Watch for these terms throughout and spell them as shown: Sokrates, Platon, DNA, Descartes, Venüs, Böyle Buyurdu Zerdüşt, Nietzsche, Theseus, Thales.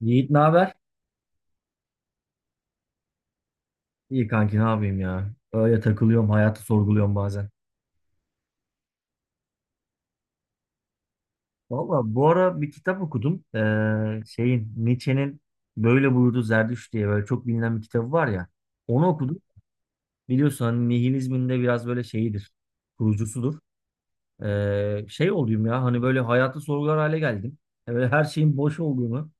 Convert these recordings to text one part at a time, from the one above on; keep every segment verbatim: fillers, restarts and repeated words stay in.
Yiğit ne haber? İyi kanki ne yapayım ya? Öyle takılıyorum, hayatı sorguluyorum bazen. Valla bu ara bir kitap okudum. Ee, şeyin Nietzsche'nin Böyle Buyurdu Zerdüşt diye böyle çok bilinen bir kitabı var ya. Onu okudum. Biliyorsun hani nihilizmin de biraz böyle şeyidir. Kurucusudur. Ee, şey olayım ya, hani böyle hayatı sorgular hale geldim. Yani böyle her şeyin boş olduğunu,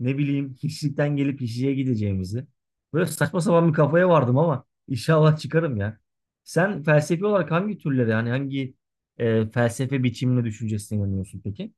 ne bileyim hiçlikten gelip hiçliğe gideceğimizi. Böyle saçma sapan bir kafaya vardım ama inşallah çıkarım ya. Sen felsefi olarak hangi türlere, yani hangi e, felsefe biçimine, düşüncesine inanıyorsun peki?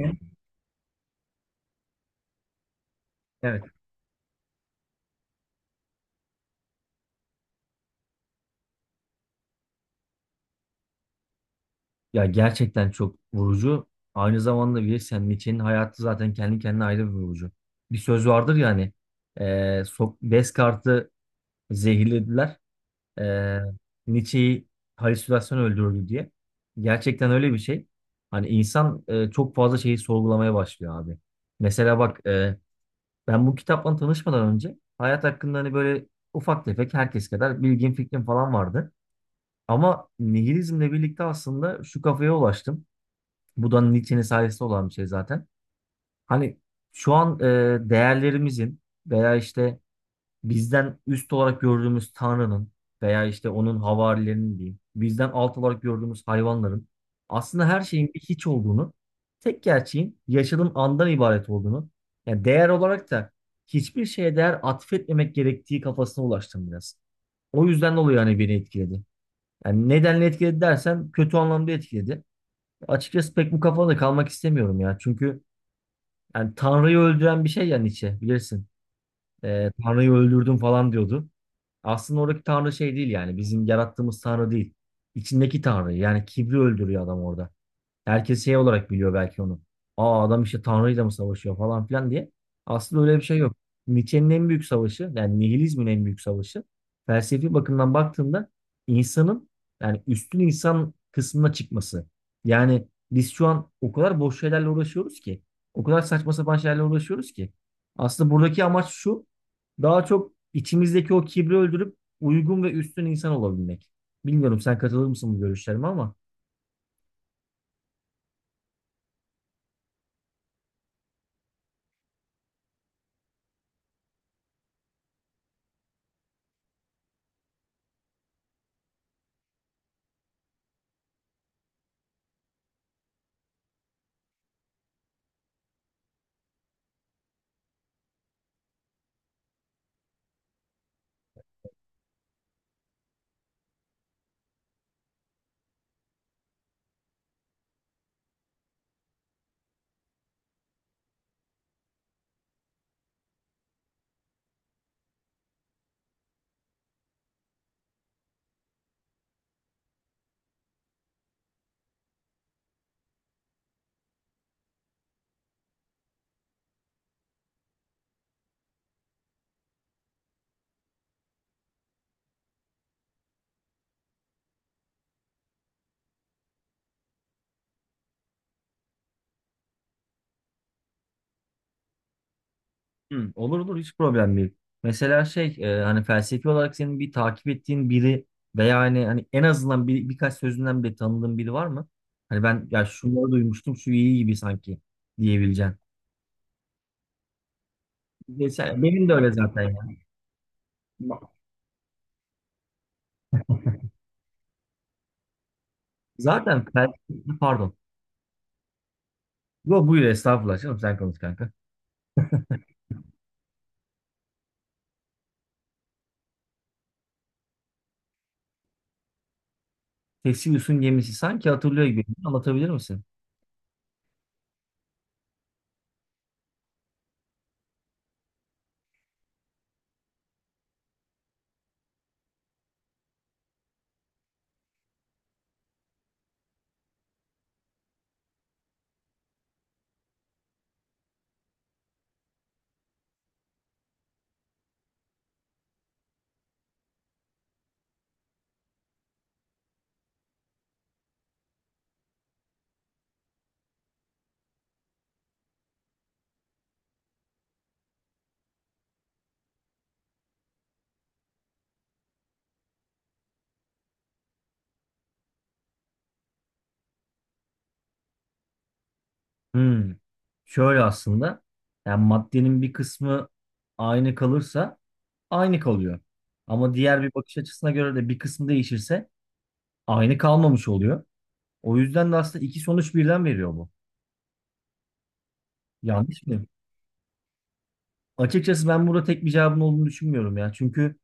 Hı? Evet. Ya gerçekten çok vurucu. Aynı zamanda bilirsen Nietzsche'nin hayatı zaten kendi kendine ayrı bir vurucu. Bir söz vardır yani. E, Sok- Descartes'i zehirlediler. e, Nietzsche'yi halüsinasyon öldürdü diye. Gerçekten öyle bir şey. Hani insan e, çok fazla şeyi sorgulamaya başlıyor abi. Mesela bak, e, ben bu kitapla tanışmadan önce hayat hakkında hani böyle ufak tefek herkes kadar bilgim, fikrim falan vardı. Ama nihilizmle birlikte aslında şu kafaya ulaştım. Bu da Nietzsche'nin sayesinde olan bir şey zaten. Hani şu an e, değerlerimizin veya işte bizden üst olarak gördüğümüz Tanrı'nın veya işte onun havarilerinin diyeyim, bizden alt olarak gördüğümüz hayvanların, aslında her şeyin bir hiç olduğunu, tek gerçeğin yaşadığın andan ibaret olduğunu, yani değer olarak da hiçbir şeye değer atfetmemek gerektiği kafasına ulaştım biraz. O yüzden dolayı hani beni etkiledi. Yani nedenle etkiledi dersen kötü anlamda etkiledi. Açıkçası pek bu kafada kalmak istemiyorum ya. Çünkü yani Tanrı'yı öldüren bir şey ya Nietzsche, bilirsin. Ee, Tanrı'yı öldürdüm falan diyordu. Aslında oradaki tanrı şey değil, yani bizim yarattığımız tanrı değil. İçindeki tanrı, yani kibri öldürüyor adam orada. Herkes şey olarak biliyor belki onu. Aa, adam işte Tanrı'yla mı savaşıyor falan filan diye. Aslında öyle bir şey yok. Nietzsche'nin en büyük savaşı, yani nihilizmin en büyük savaşı, felsefi bakımdan baktığında insanın, yani üstün insan kısmına çıkması. Yani biz şu an o kadar boş şeylerle uğraşıyoruz ki, o kadar saçma sapan şeylerle uğraşıyoruz ki aslında buradaki amaç şu: daha çok içimizdeki o kibri öldürüp uygun ve üstün insan olabilmek. Bilmiyorum sen katılır mısın bu görüşlerime ama. Hı, olur olur, hiç problem değil. Mesela şey, e, hani felsefi olarak senin bir takip ettiğin biri veya hani, hani en azından bir, birkaç sözünden bile tanıdığın biri var mı? Hani ben ya şunları duymuştum, şu iyi gibi sanki diyebileceğim. Mesela benim de öyle zaten ya. Zaten felsefi, pardon. Yo, buyur estağfurullah canım, sen konuş kanka. Theseus'un gemisi sanki hatırlıyor gibi. Anlatabilir misin? Hmm. Şöyle aslında, yani maddenin bir kısmı aynı kalırsa aynı kalıyor. Ama diğer bir bakış açısına göre de bir kısmı değişirse aynı kalmamış oluyor. O yüzden de aslında iki sonuç birden veriyor bu. Yanlış mı? Açıkçası ben burada tek bir cevabın olduğunu düşünmüyorum ya. Çünkü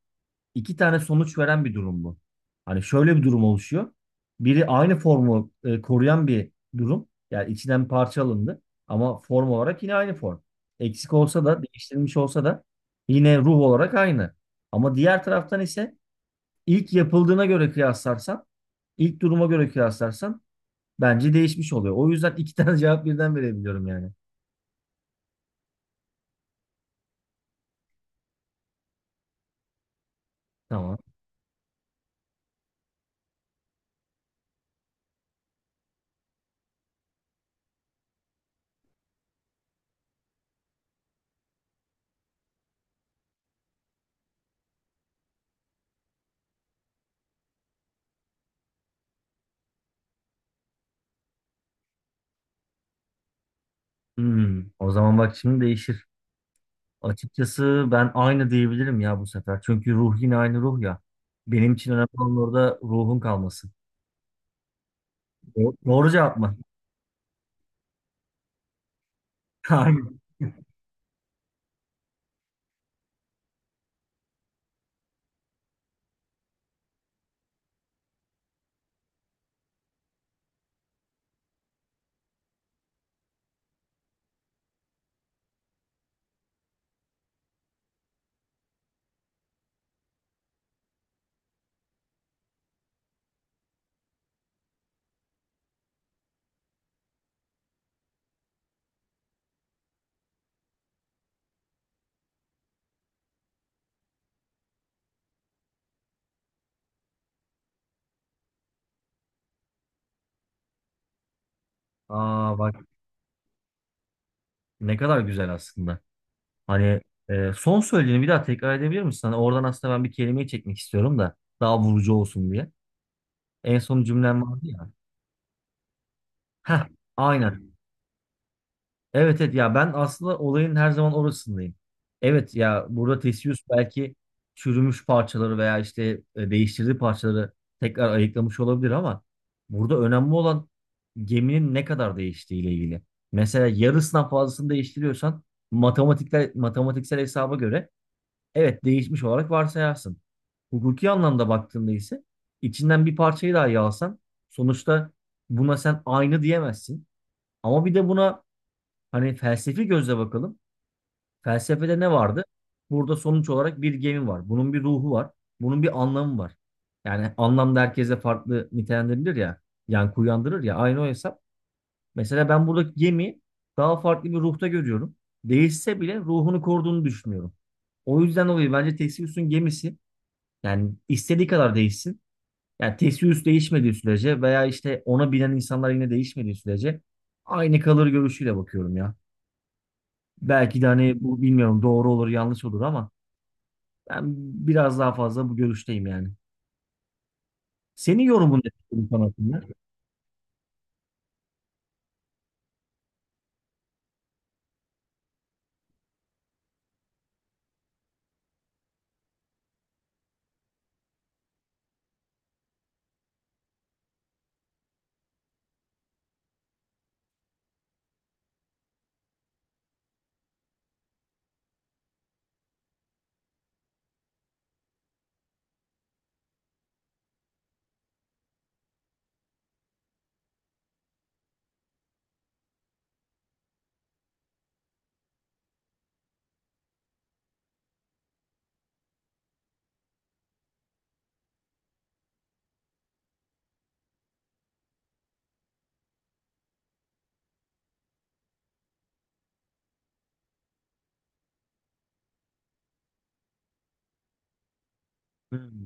iki tane sonuç veren bir durum bu. Hani şöyle bir durum oluşuyor. Biri aynı formu e, koruyan bir durum. Yani içinden parça alındı. Ama form olarak yine aynı form. Eksik olsa da, değiştirilmiş olsa da yine ruh olarak aynı. Ama diğer taraftan ise ilk yapıldığına göre kıyaslarsan, ilk duruma göre kıyaslarsan bence değişmiş oluyor. O yüzden iki tane cevap birden verebiliyorum yani. Tamam. Hmm, o zaman bak şimdi değişir. Açıkçası ben aynı diyebilirim ya bu sefer. Çünkü ruh yine aynı ruh ya. Benim için önemli olan orada ruhun kalması. Do- Doğru cevap mı? Aynen. Aa bak, ne kadar güzel aslında. Hani e, son söylediğini bir daha tekrar edebilir misin? Hani oradan aslında ben bir kelimeyi çekmek istiyorum da daha vurucu olsun diye. En son cümlem vardı ya. Heh, aynen. Evet evet ya, ben aslında olayın her zaman orasındayım. Evet ya, burada Theseus belki çürümüş parçaları veya işte e, değiştirdiği parçaları tekrar ayıklamış olabilir ama burada önemli olan geminin ne kadar değiştiğiyle ilgili. Mesela yarısından fazlasını değiştiriyorsan matematikler, matematiksel hesaba göre evet değişmiş olarak varsayarsın. Hukuki anlamda baktığında ise içinden bir parçayı daha yalsan sonuçta buna sen aynı diyemezsin. Ama bir de buna hani felsefi gözle bakalım. Felsefede ne vardı? Burada sonuç olarak bir gemi var. Bunun bir ruhu var. Bunun bir anlamı var. Yani anlam da herkese farklı nitelendirilir ya. Yankı uyandırır ya. Aynı o hesap. Mesela ben buradaki gemiyi daha farklı bir ruhta görüyorum. Değişse bile ruhunu koruduğunu düşünüyorum. O yüzden dolayı bence Theseus'un gemisi, yani istediği kadar değişsin. Yani Theseus değişmediği sürece veya işte ona binen insanlar yine değişmediği sürece aynı kalır görüşüyle bakıyorum ya. Belki de hani bu, bilmiyorum, doğru olur yanlış olur ama ben biraz daha fazla bu görüşteyim yani. Senin yorumun ne bu konu hakkında? Hmm.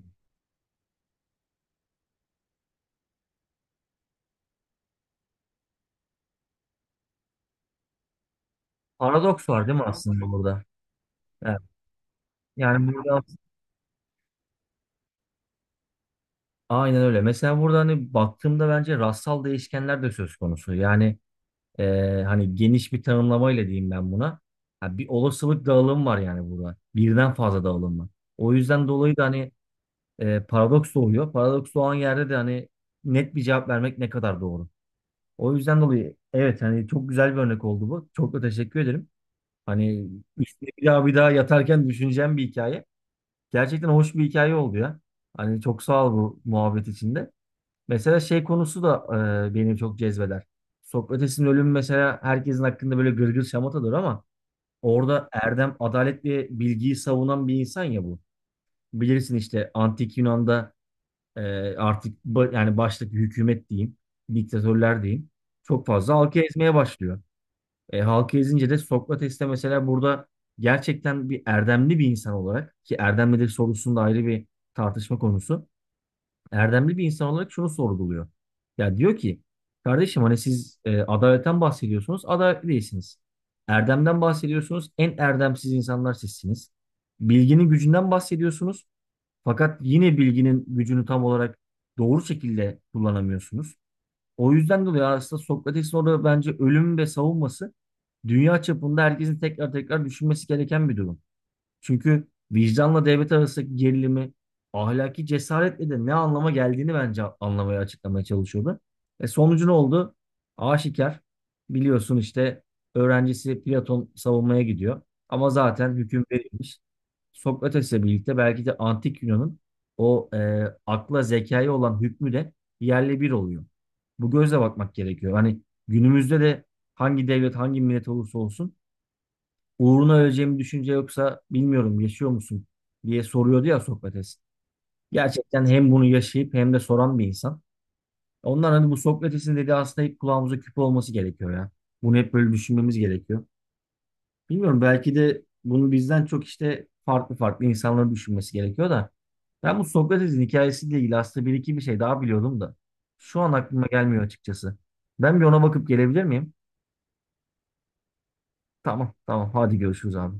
Paradoks var değil mi aslında burada? Evet. Yani burada aynen öyle. Mesela burada hani baktığımda bence rastsal değişkenler de söz konusu. Yani, e, hani geniş bir tanımlamayla diyeyim ben buna. Ha, bir olasılık dağılımı var yani burada. Birden fazla dağılım var. O yüzden dolayı da hani e, paradoks doğuyor. Paradoks doğan yerde de hani net bir cevap vermek ne kadar doğru? O yüzden dolayı evet, hani çok güzel bir örnek oldu bu. Çok da teşekkür ederim. Hani üstüne bir daha bir daha yatarken düşüneceğim bir hikaye. Gerçekten hoş bir hikaye oldu ya. Hani çok sağ ol bu muhabbet içinde. Mesela şey konusu da e, beni çok cezbeder. Sokrates'in ölümü mesela, herkesin hakkında böyle gırgır şamatadır ama orada erdem, adalet ve bilgiyi savunan bir insan ya bu. Bilirsin işte antik Yunan'da, e, artık ba- yani baştaki hükümet diyeyim, diktatörler diyeyim, çok fazla halkı ezmeye başlıyor. E, halka ezince de Sokrates'te mesela burada gerçekten bir erdemli bir insan olarak, ki erdem nedir sorusunda ayrı bir tartışma konusu. Erdemli bir insan olarak şunu sorguluyor. Ya diyor ki, kardeşim hani siz e, adaletten bahsediyorsunuz, adaletli değilsiniz. Erdemden bahsediyorsunuz, en erdemsiz insanlar sizsiniz. Bilginin gücünden bahsediyorsunuz fakat yine bilginin gücünü tam olarak doğru şekilde kullanamıyorsunuz. O yüzden dolayı aslında Sokrates'in orada bence ölüm ve savunması dünya çapında herkesin tekrar tekrar düşünmesi gereken bir durum. Çünkü vicdanla devlet arasındaki gerilimi, ahlaki cesaretle de ne anlama geldiğini bence anlamaya, açıklamaya çalışıyordu. E, sonucu ne oldu? Aşikar, biliyorsun işte öğrencisi Platon savunmaya gidiyor. Ama zaten hüküm verilmiş. Sokrates'le birlikte belki de antik Yunan'ın o e, akla, zekaya olan hükmü de yerle bir oluyor. Bu gözle bakmak gerekiyor. Hani günümüzde de hangi devlet hangi millet olursa olsun uğruna öleceğimi düşünce yoksa bilmiyorum yaşıyor musun diye soruyordu ya Sokrates. Gerçekten hem bunu yaşayıp hem de soran bir insan. Ondan hani bu Sokrates'in dediği aslında hep kulağımıza küpe olması gerekiyor ya. Bunu hep böyle düşünmemiz gerekiyor. Bilmiyorum, belki de bunu bizden çok işte farklı farklı insanların düşünmesi gerekiyor da. Ben bu Sokrates'in hikayesiyle ilgili aslında bir iki bir şey daha biliyordum da. Şu an aklıma gelmiyor açıkçası. Ben bir ona bakıp gelebilir miyim? Tamam tamam, hadi görüşürüz abi.